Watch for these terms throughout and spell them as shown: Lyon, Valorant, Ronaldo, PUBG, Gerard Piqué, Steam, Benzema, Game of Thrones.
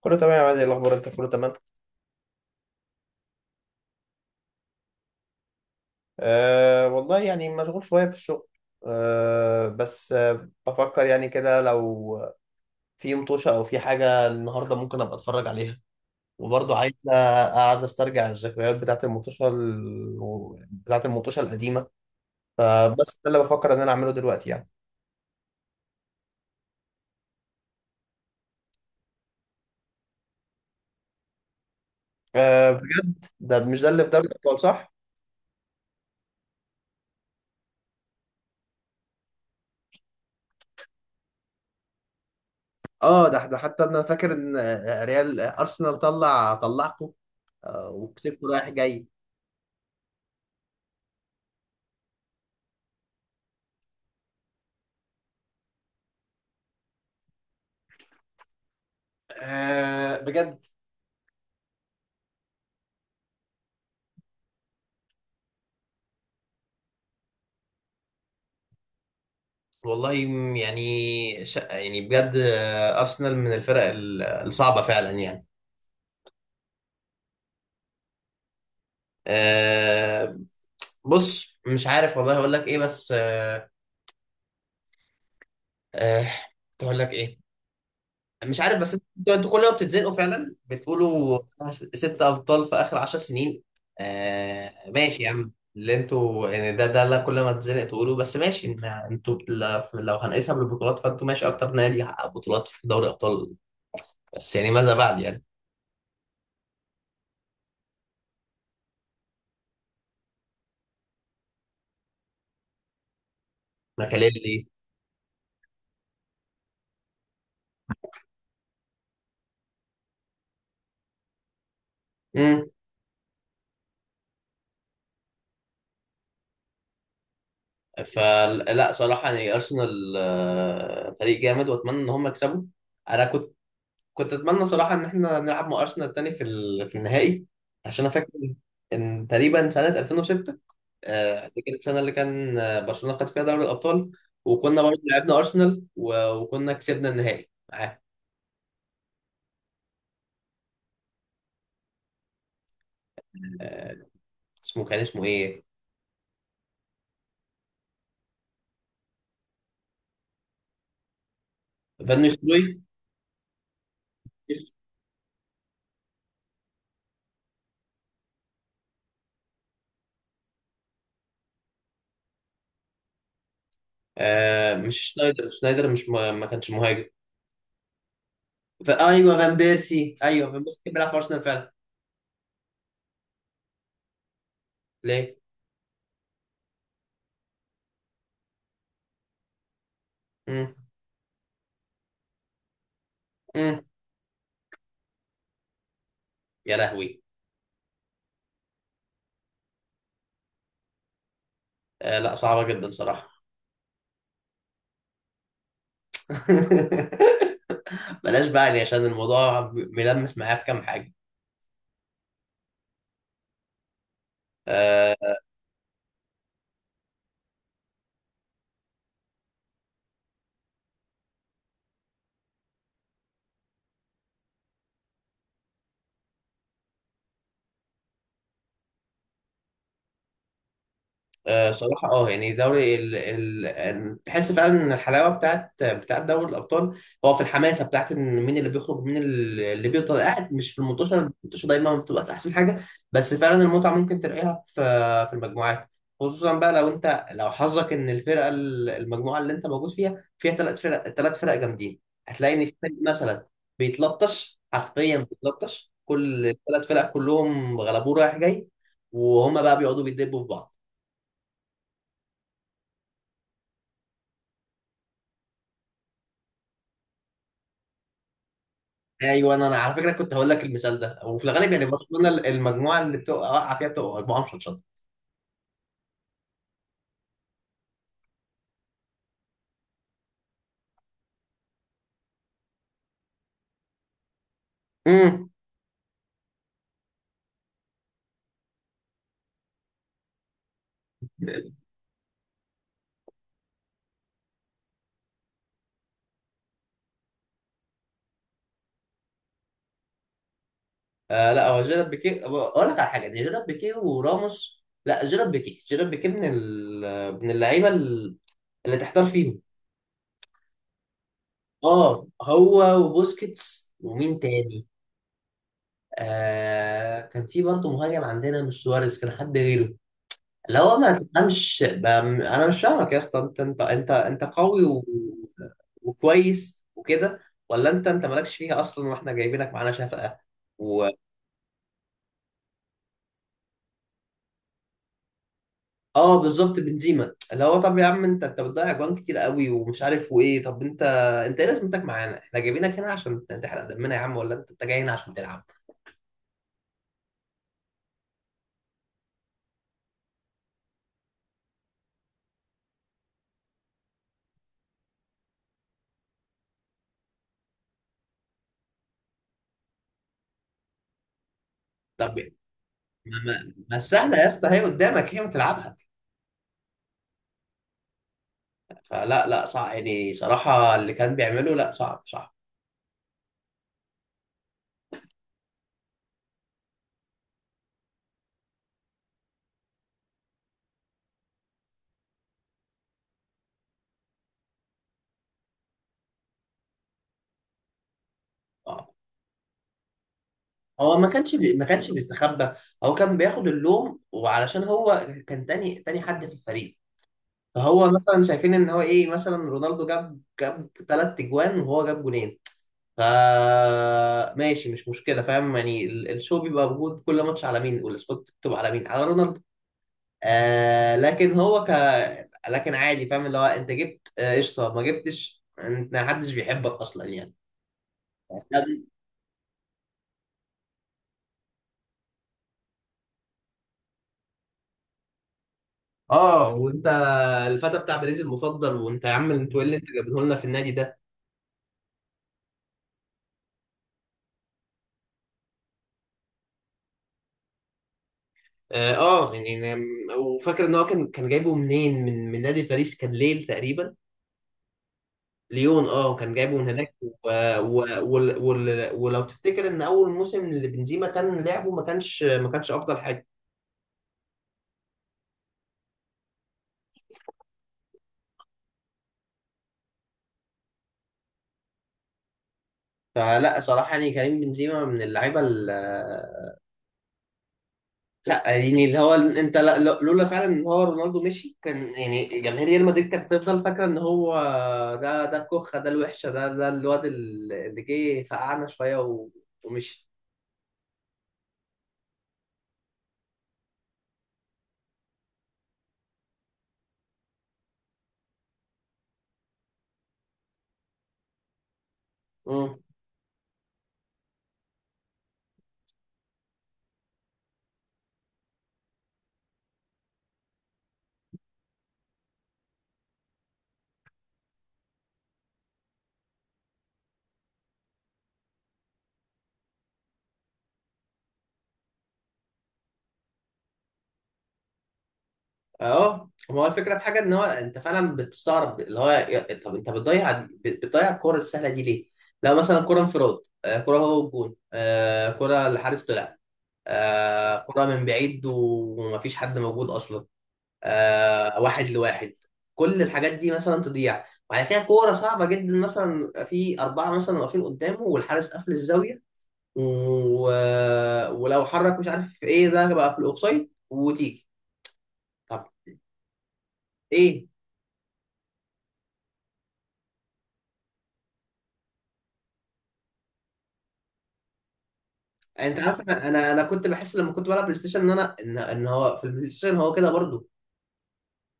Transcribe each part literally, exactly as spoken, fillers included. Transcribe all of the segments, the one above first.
كله تمام يا عادل. إيه الاخبار انت؟ كله تمام. أه، والله يعني مشغول شويه في الشغل. أه، بس أه بفكر يعني كده، لو في مطوشه او في حاجه النهارده، ممكن ابقى اتفرج عليها. وبرضه عايز اقعد استرجع الذكريات بتاعت المطوشه، ال... بتاعت المطوشه القديمه. فبس ده اللي بفكر ان انا اعمله دلوقتي، يعني. أه بجد؟ ده، مش ده اللي في دوري الابطال، صح؟ اه، ده ده حتى انا فاكر ان آه، ريال ارسنال طلع طلعكم. آه، وكسبته رايح جاي. آه بجد؟ والله، م- يعني ش... يعني بجد، آه، ارسنال من الفرق ال- الصعبه فعلا، يعني. أه، بص مش عارف والله، اقول لك ايه؟ بس أه آه، اقول لك ايه؟ مش عارف، بس انتوا انتوا كل ما بتتزنقوا فعلا بتقولوا س- ست ابطال في اخر عشر سنين. أه، ماشي يا عم. اللي انتوا يعني ده ده اللي كل ما تتزنق تقولوا. بس ماشي، ما انتوا ل- لو هنقيسها بالبطولات، فانتوا ماشي اكتر نادي حقق بطولات في دوري ابطال. بس يعني، ماذا بعد يعني. ماكاليلي. فلا صراحة، يعني أرسنال آه، فريق جامد، وأتمنى إن هم يكسبوا. أنا كنت كنت أتمنى صراحة إن إحنا نلعب مع أرسنال تاني في ال- في النهائي. عشان أنا فاكر إن تقريبا سنة ألفين وستة، آه، دي كانت السنة اللي كان آه، برشلونة خد فيها دوري الأبطال. وكنا برضه لعبنا أرسنال، و- وكنا كسبنا النهائي معاه. آه، اسمه كان اسمه إيه؟ فان نيستروي. آه، مش شنايدر. شنايدر مش، ما ما كانش مهاجم. فا- أيوه، فان بيرسي. أيوه، فان بيرسي كان بيلعب في أرسنال فعلا. ليه؟ مم. مم. يا لهوي. آه، لا صعبة جدا صراحة. بلاش بقى يعني، عشان الموضوع ملمس معايا في كام حاجة. آه. آه، صراحة، اه يعني دوري ال... ال... ال- تحس فعلا ان الحلاوة بتاعت بتاعت دوري الابطال. هو في الحماسة بتاعت ان مين اللي بيخرج، مين ال- اللي بيفضل قاعد، مش في المنتشر. المنتشر دايما ما بتبقاش احسن حاجة. بس فعلا المتعة ممكن تلاقيها في في المجموعات. خصوصا بقى، لو انت لو حظك ان الفرقة ال- المجموعة اللي انت موجود فيها فيها ثلاث فرق، ثلاث فرق جامدين. هتلاقي ان في فريق مثلا بيتلطش حرفيا، بيتلطش، كل الثلاث فرق كلهم غلبوه رايح جاي. وهما بقى بيقعدوا بيدبوا في بعض. ايوه، انا أنا على فكره كنت هقول لك المثال ده. وفي الغالب يعني برشلونه، المجموعه اللي بتبقى واقعه فيها بتبقى مجموعه مشطشطه. امم آه، لا هو جيرارد بيكيه، اقول لك على حاجه. دي جيرارد بيكيه وراموس. لا، جيرارد بيكيه جيرارد بيكيه من ال... من اللعيبه ال- اللي تحتار فيهم. اه، هو وبوسكيتس ومين تاني؟ آه، كان في برضه مهاجم عندنا، مش سواريز، كان حد غيره. اللي هو، ما تفهمش. ب- انا مش فاهمك يا اسطى، انت انت انت انت قوي و... وكويس وكده. ولا انت انت مالكش فيها اصلا، واحنا جايبينك معانا شفقه. و... اه، بالظبط، بنزيما، اللي هو طب يا عم، انت انت بتضيع اجوان كتير قوي، ومش عارف وايه. طب انت، انت ايه لازمتك معانا؟ احنا جايبينك هنا عشان تحرق دمنا يا عم، ولا انت انت جاي هنا عشان تلعب؟ طب ما ما ما السهله يا اسطى، هي قدامك، هي ما تلعبها. فلا، لا صعب يعني صراحه، اللي كان بيعمله لا، صعب صعب. هو ما كانش بي... ما كانش بيستخبى. هو كان بياخد اللوم، وعلشان هو كان تاني تاني حد في الفريق. فهو مثلا شايفين ان هو ايه، مثلا رونالدو جاب جاب ثلاث اجوان وهو جاب جونين. ف ماشي، مش مشكله، فاهم يعني ال- الشو بيبقى موجود كل ماتش على مين، والسبوت مكتوب على مين، على رونالدو. آه، لكن هو ك لكن عادي، فاهم. اللي هو، انت جبت آه، قشطه، ما جبتش، انت ما حدش بيحبك اصلا يعني. اه، وانت الفتى بتاع باريس المفضل. وانت يا عم، انتوا ايه اللي انتوا جايبينه لنا في النادي ده؟ اه. آه، يعني يعني- وفاكر ان هو كان كان جايبه منين، من من نادي باريس، كان ليل تقريبا. ليون. اه، كان جايبه من هناك و... و... وال- وال- ولو تفتكر ان اول موسم اللي بنزيما كان لعبه، ما كانش ما كانش افضل حاجه. فلا صراحه يعني، كريم بنزيما من اللعيبه. لا يعني، اللي هو انت، لا لا- لولا فعلا ان هو رونالدو مشي، كان يعني جماهير ريال مدريد كانت هتفضل فاكره ان هو ده ده الكخه، ده الوحشه، ده ده الواد اللي جه فقعنا شويه و- ومشي. امم اه، هو الفكره في حاجه، ان هو انت فعلا بتستغرب، اللي هو يا- طب انت بتضيع دي- بتضيع الكره السهله دي ليه؟ لو مثلا كره انفراد، آه، كره هو الجون، كره الحارس طلع، آه، كره من بعيد ومفيش حد موجود اصلا، آه واحد لواحد، كل الحاجات دي مثلا تضيع. وبعد كده كورة صعبة جدا، مثلا يبقى في أربعة مثلا واقفين قدامه والحارس قافل الزاوية و... ولو حرك مش عارف ايه، ده بقى في الأوفسايد وتيجي. طب ايه. انت عارف، انا انا انا كنت بحس لما كنت بلعب بلاي ستيشن ان انا ان, إن هو في البلاي ستيشن هو كده برضه.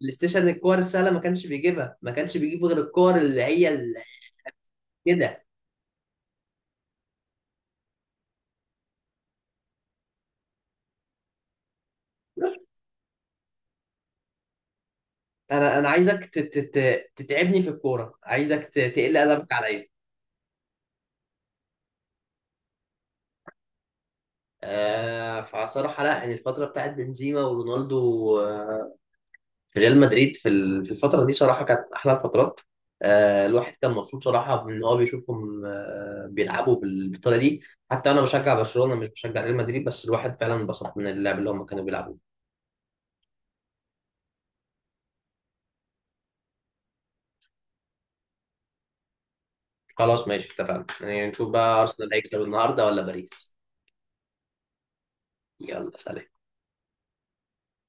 بلاي ستيشن، الكور السهله ما كانش بيجيبها، ما كانش بيجيب غير الكور اللي هي ال- كده. انا انا عايزك تت- تت- تتعبني في الكوره، عايزك ت- تقل ادبك عليا. آه، فصراحة لا يعني، الفترة بتاعت بنزيما ورونالدو آه في ريال مدريد، في ال- في الفترة دي صراحة كانت أحلى الفترات. آه الواحد كان مبسوط صراحة، إن هو بيشوفهم آه بيلعبوا بال- بالطريقة دي. حتى أنا بشجع برشلونة، مش بشجع ريال مدريد، بس الواحد فعلا انبسط من اللعب اللي هم كانوا بيلعبوه. خلاص ماشي، اتفقنا يعني. نشوف بقى أرسنال هيكسب النهاردة ولا باريس؟ يلا سلام.